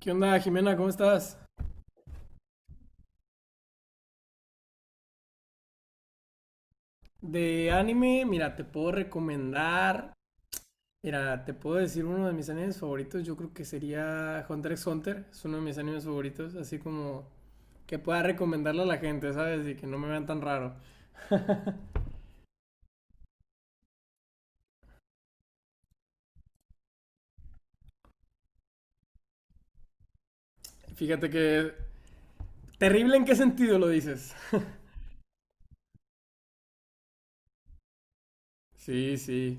¿Qué onda, Jimena? ¿Cómo estás? De anime, mira, te puedo recomendar. Mira, te puedo decir uno de mis animes favoritos. Yo creo que sería Hunter x Hunter. Es uno de mis animes favoritos. Así como que pueda recomendarle a la gente, ¿sabes? Y que no me vean tan raro. Fíjate que. Terrible en qué sentido lo dices. Sí, sí.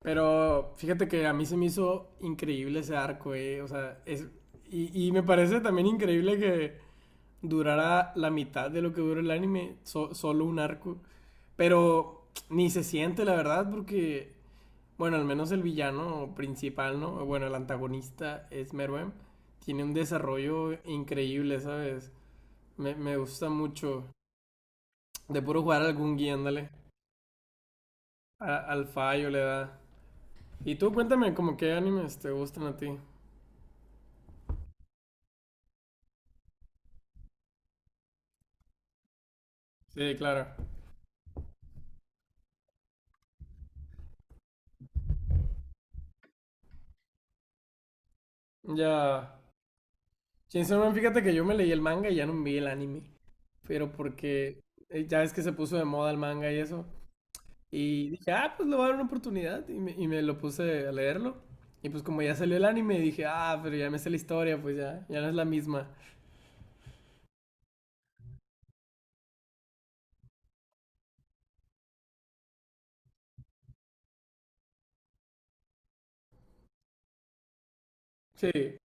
Pero fíjate que a mí se me hizo increíble ese arco. O sea, es. Y me parece también increíble que durara la mitad de lo que dura el anime, solo un arco. Pero ni se siente, la verdad, porque, bueno, al menos el villano principal, ¿no? Bueno, el antagonista es Meruem. Tiene un desarrollo increíble, ¿sabes? Me gusta mucho. De puro jugar algún guía, ándale. Al fallo le da. ¿Y tú cuéntame, como qué animes te gustan a ti? Sí, claro. Ya. Chainsaw Man, fíjate que yo me leí el manga y ya no me vi el anime. Pero porque ya ves que se puso de moda el manga y eso. Y dije, ah, pues le voy a dar una oportunidad. Y me lo puse a leerlo. Y pues como ya salió el anime, dije, ah, pero ya me sé la historia, pues ya no es la misma. Sí,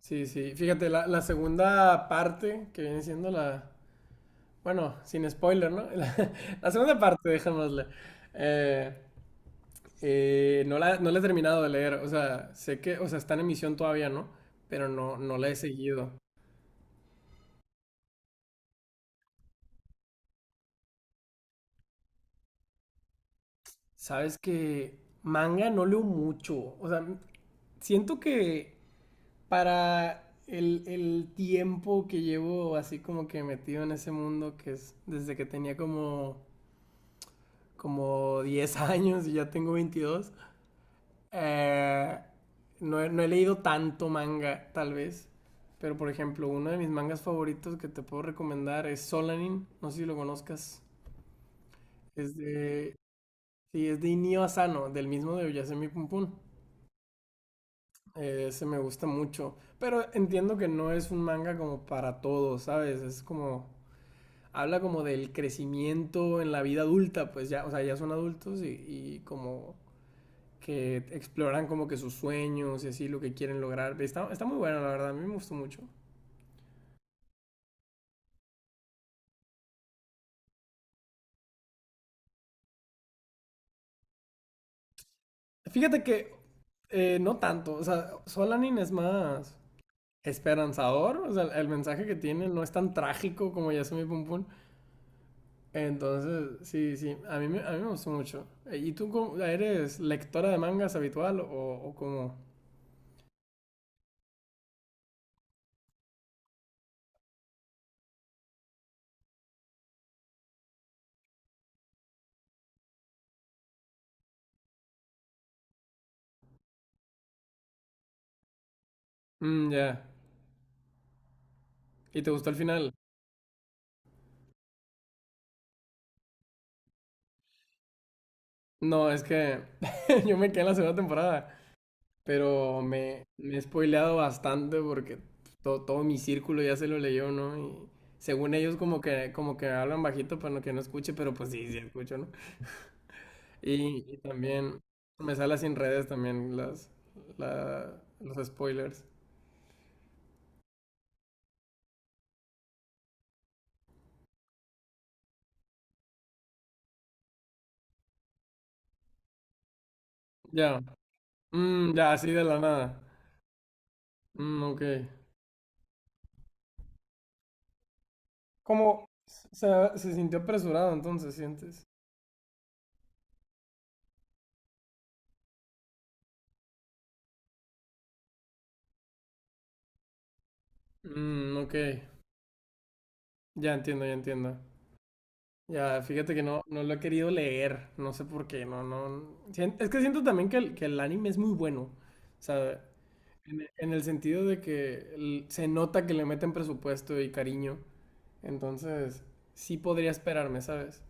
sí, sí. Fíjate, la segunda parte que viene siendo la. Bueno, sin spoiler, ¿no? La, segunda parte, dejémosle. Eh, no la he terminado de leer, o sea, sé que, o sea, está en emisión todavía, ¿no? Pero no, no la he seguido. Sabes que manga no leo mucho, o sea, siento que para el tiempo que llevo así como que metido en ese mundo, que es desde que tenía como 10 años y ya tengo 22. Eh, no, no he leído tanto manga, tal vez. Pero, por ejemplo, uno de mis mangas favoritos que te puedo recomendar es Solanin. No sé si lo conozcas. Es de. Sí, es de Inio Asano, del mismo de Oyasemi Pum Pum. Ese me gusta mucho. Pero entiendo que no es un manga como para todos, ¿sabes? Es como. Habla como del crecimiento en la vida adulta, pues ya, o sea, ya son adultos y como que exploran como que sus sueños y así lo que quieren lograr. Está muy bueno, la verdad, a mí me gustó mucho. Fíjate que no tanto, o sea, Solanin es más esperanzador, o sea, el mensaje que tiene no es tan trágico como Yasumi Pum Pum. Entonces, sí, sí, a mí me gustó mucho. ¿Y tú eres lectora de mangas habitual o cómo? Mm, ya. ¿Y te gustó el final? No, es que yo me quedé en la segunda temporada. Pero me he spoileado bastante porque todo mi círculo ya se lo leyó, ¿no? Y según ellos como que hablan bajito para no que no escuche, pero pues sí, sí escucho, ¿no? Y también me sale sin redes también las, los spoilers. Ya, mm, ya, así de la nada. Mm, ok. ¿Cómo se sintió apresurado entonces, sientes? Mm, ok, ya entiendo, ya entiendo. Ya, fíjate que no, no lo he querido leer, no sé por qué, no, no. Es que siento también que el, anime es muy bueno, o sea, en el sentido de que se nota que le meten presupuesto y cariño, entonces sí podría esperarme, ¿sabes?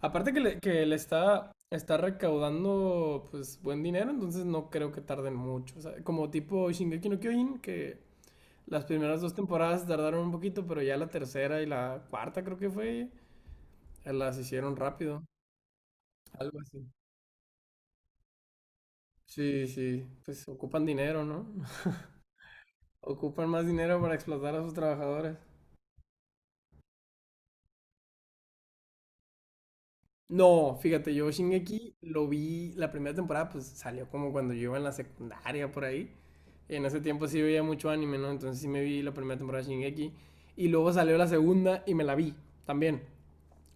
Aparte que le está recaudando pues buen dinero, entonces no creo que tarden mucho, o sea, como tipo Shingeki no Kyojin, que las primeras dos temporadas tardaron un poquito, pero ya la tercera y la cuarta creo que fue, las hicieron rápido. Algo así. Sí, sí, pues ocupan dinero, ¿no? Ocupan más dinero para explotar a sus trabajadores. No, fíjate, yo Shingeki lo vi la primera temporada, pues salió como cuando yo iba en la secundaria por ahí. Y en ese tiempo sí veía mucho anime, ¿no? Entonces sí me vi la primera temporada de Shingeki. Y luego salió la segunda y me la vi también.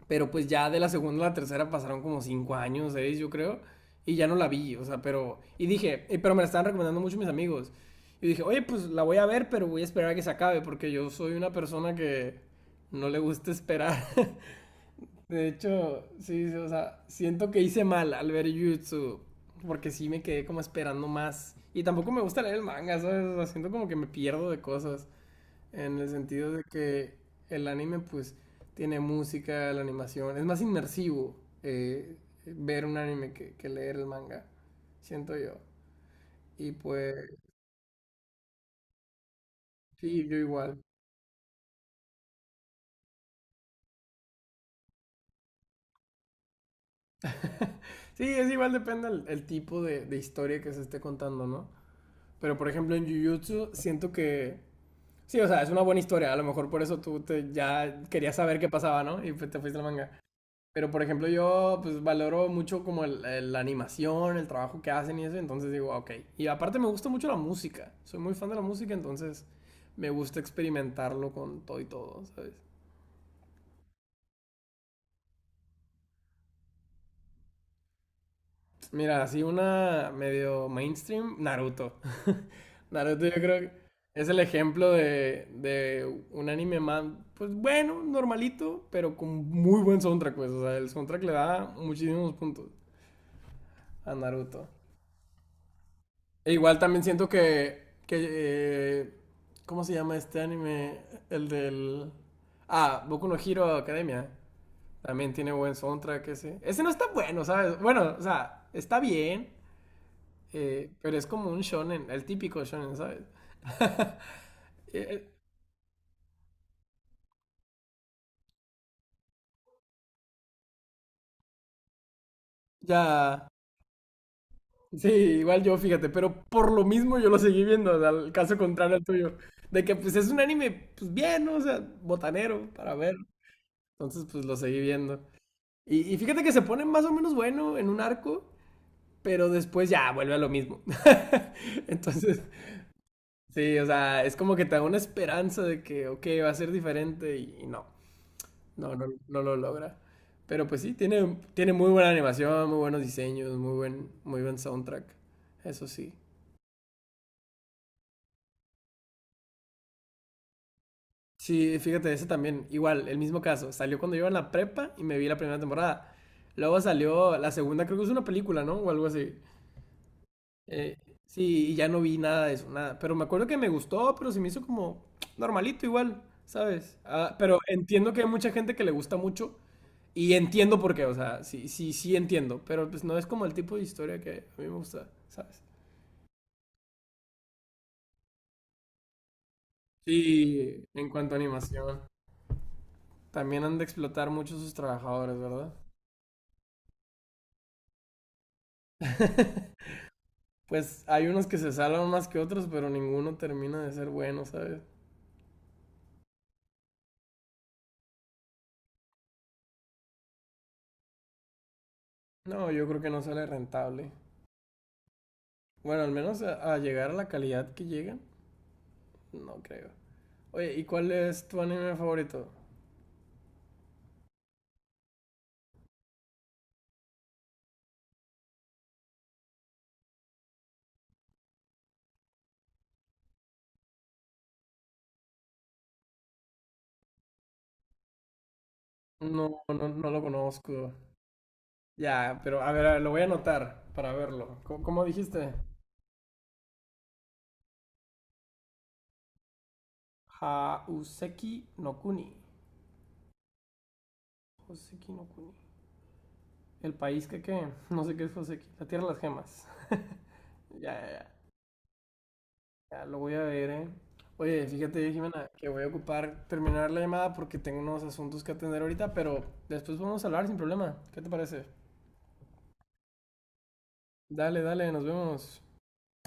Pero pues ya de la segunda a la tercera pasaron como 5 años, 6, yo creo. Y ya no la vi, o sea, pero. Y dije, pero me la estaban recomendando mucho mis amigos. Y dije, oye, pues la voy a ver, pero voy a esperar a que se acabe, porque yo soy una persona que no le gusta esperar. De hecho, sí, sí, o sea, siento que hice mal al ver Jutsu, porque sí me quedé como esperando más. Y tampoco me gusta leer el manga, ¿sabes? O sea, siento como que me pierdo de cosas. En el sentido de que el anime, pues, tiene música, la animación. Es más inmersivo, eh, ver un anime que leer el manga, siento yo. Y pues, sí, yo igual. Sí, es igual, depende el tipo de historia que se esté contando, ¿no? Pero, por ejemplo, en Jujutsu siento que. Sí, o sea, es una buena historia. A lo mejor por eso ya querías saber qué pasaba, ¿no? Y pues te fuiste al manga. Pero por ejemplo yo pues valoro mucho como la animación, el trabajo que hacen y eso, entonces digo, "Ah, ok". Y aparte me gusta mucho la música, soy muy fan de la música, entonces me gusta experimentarlo con todo y todo, ¿sabes? Mira, así una medio mainstream, Naruto. Naruto yo creo que es el ejemplo de un anime más, pues bueno, normalito, pero con muy buen soundtrack, pues, o sea, el soundtrack le da muchísimos puntos a Naruto. E igual también siento que ¿cómo se llama este anime? El del. Ah, Boku no Hero Academia. También tiene buen soundtrack ese. Ese no está bueno, ¿sabes? Bueno, o sea, está bien, pero es como un shonen, el típico shonen, ¿sabes? Eh, ya. Sí, igual yo, fíjate, pero por lo mismo yo lo seguí viendo, o sea, el caso contrario al tuyo. De que pues es un anime, pues bien, ¿no? O sea, botanero para ver. Entonces pues lo seguí viendo. Y fíjate que se pone más o menos bueno en un arco, pero después ya vuelve a lo mismo. Entonces, sí, o sea, es como que te da una esperanza de que, ok, va a ser diferente y no, no, no, no lo logra. Pero pues sí, tiene muy buena animación, muy buenos diseños, muy buen soundtrack. Eso sí. Sí, fíjate, ese también, igual, el mismo caso. Salió cuando yo iba en la prepa y me vi la primera temporada. Luego salió la segunda, creo que es una película, ¿no? O algo así. Eh, sí, y ya no vi nada de eso, nada. Pero me acuerdo que me gustó, pero se me hizo como normalito igual, ¿sabes? Ah, pero entiendo que hay mucha gente que le gusta mucho y entiendo por qué, o sea, sí, sí, sí entiendo, pero pues no es como el tipo de historia que a mí me gusta, ¿sabes? Sí, en cuanto a animación, también han de explotar mucho sus trabajadores, ¿verdad? Pues hay unos que se salvan más que otros, pero ninguno termina de ser bueno, ¿sabes? No, yo creo que no sale rentable. Bueno, al menos a llegar a la calidad que llegan. No creo. Oye, ¿y cuál es tu anime favorito? No, no, no lo conozco. Ya, pero a ver, lo voy a anotar para verlo. ¿Cómo dijiste? Hauseki no Kuni. Hauseki no Kuni. ¿El país que qué? No sé qué es Hauseki. La tierra de las gemas. Ya, ya, ya. Ya, lo voy a ver, ¿eh? Oye, fíjate, Jimena, que voy a ocupar terminar la llamada porque tengo unos asuntos que atender ahorita, pero después vamos a hablar sin problema. ¿Qué te parece? Dale, dale, nos vemos.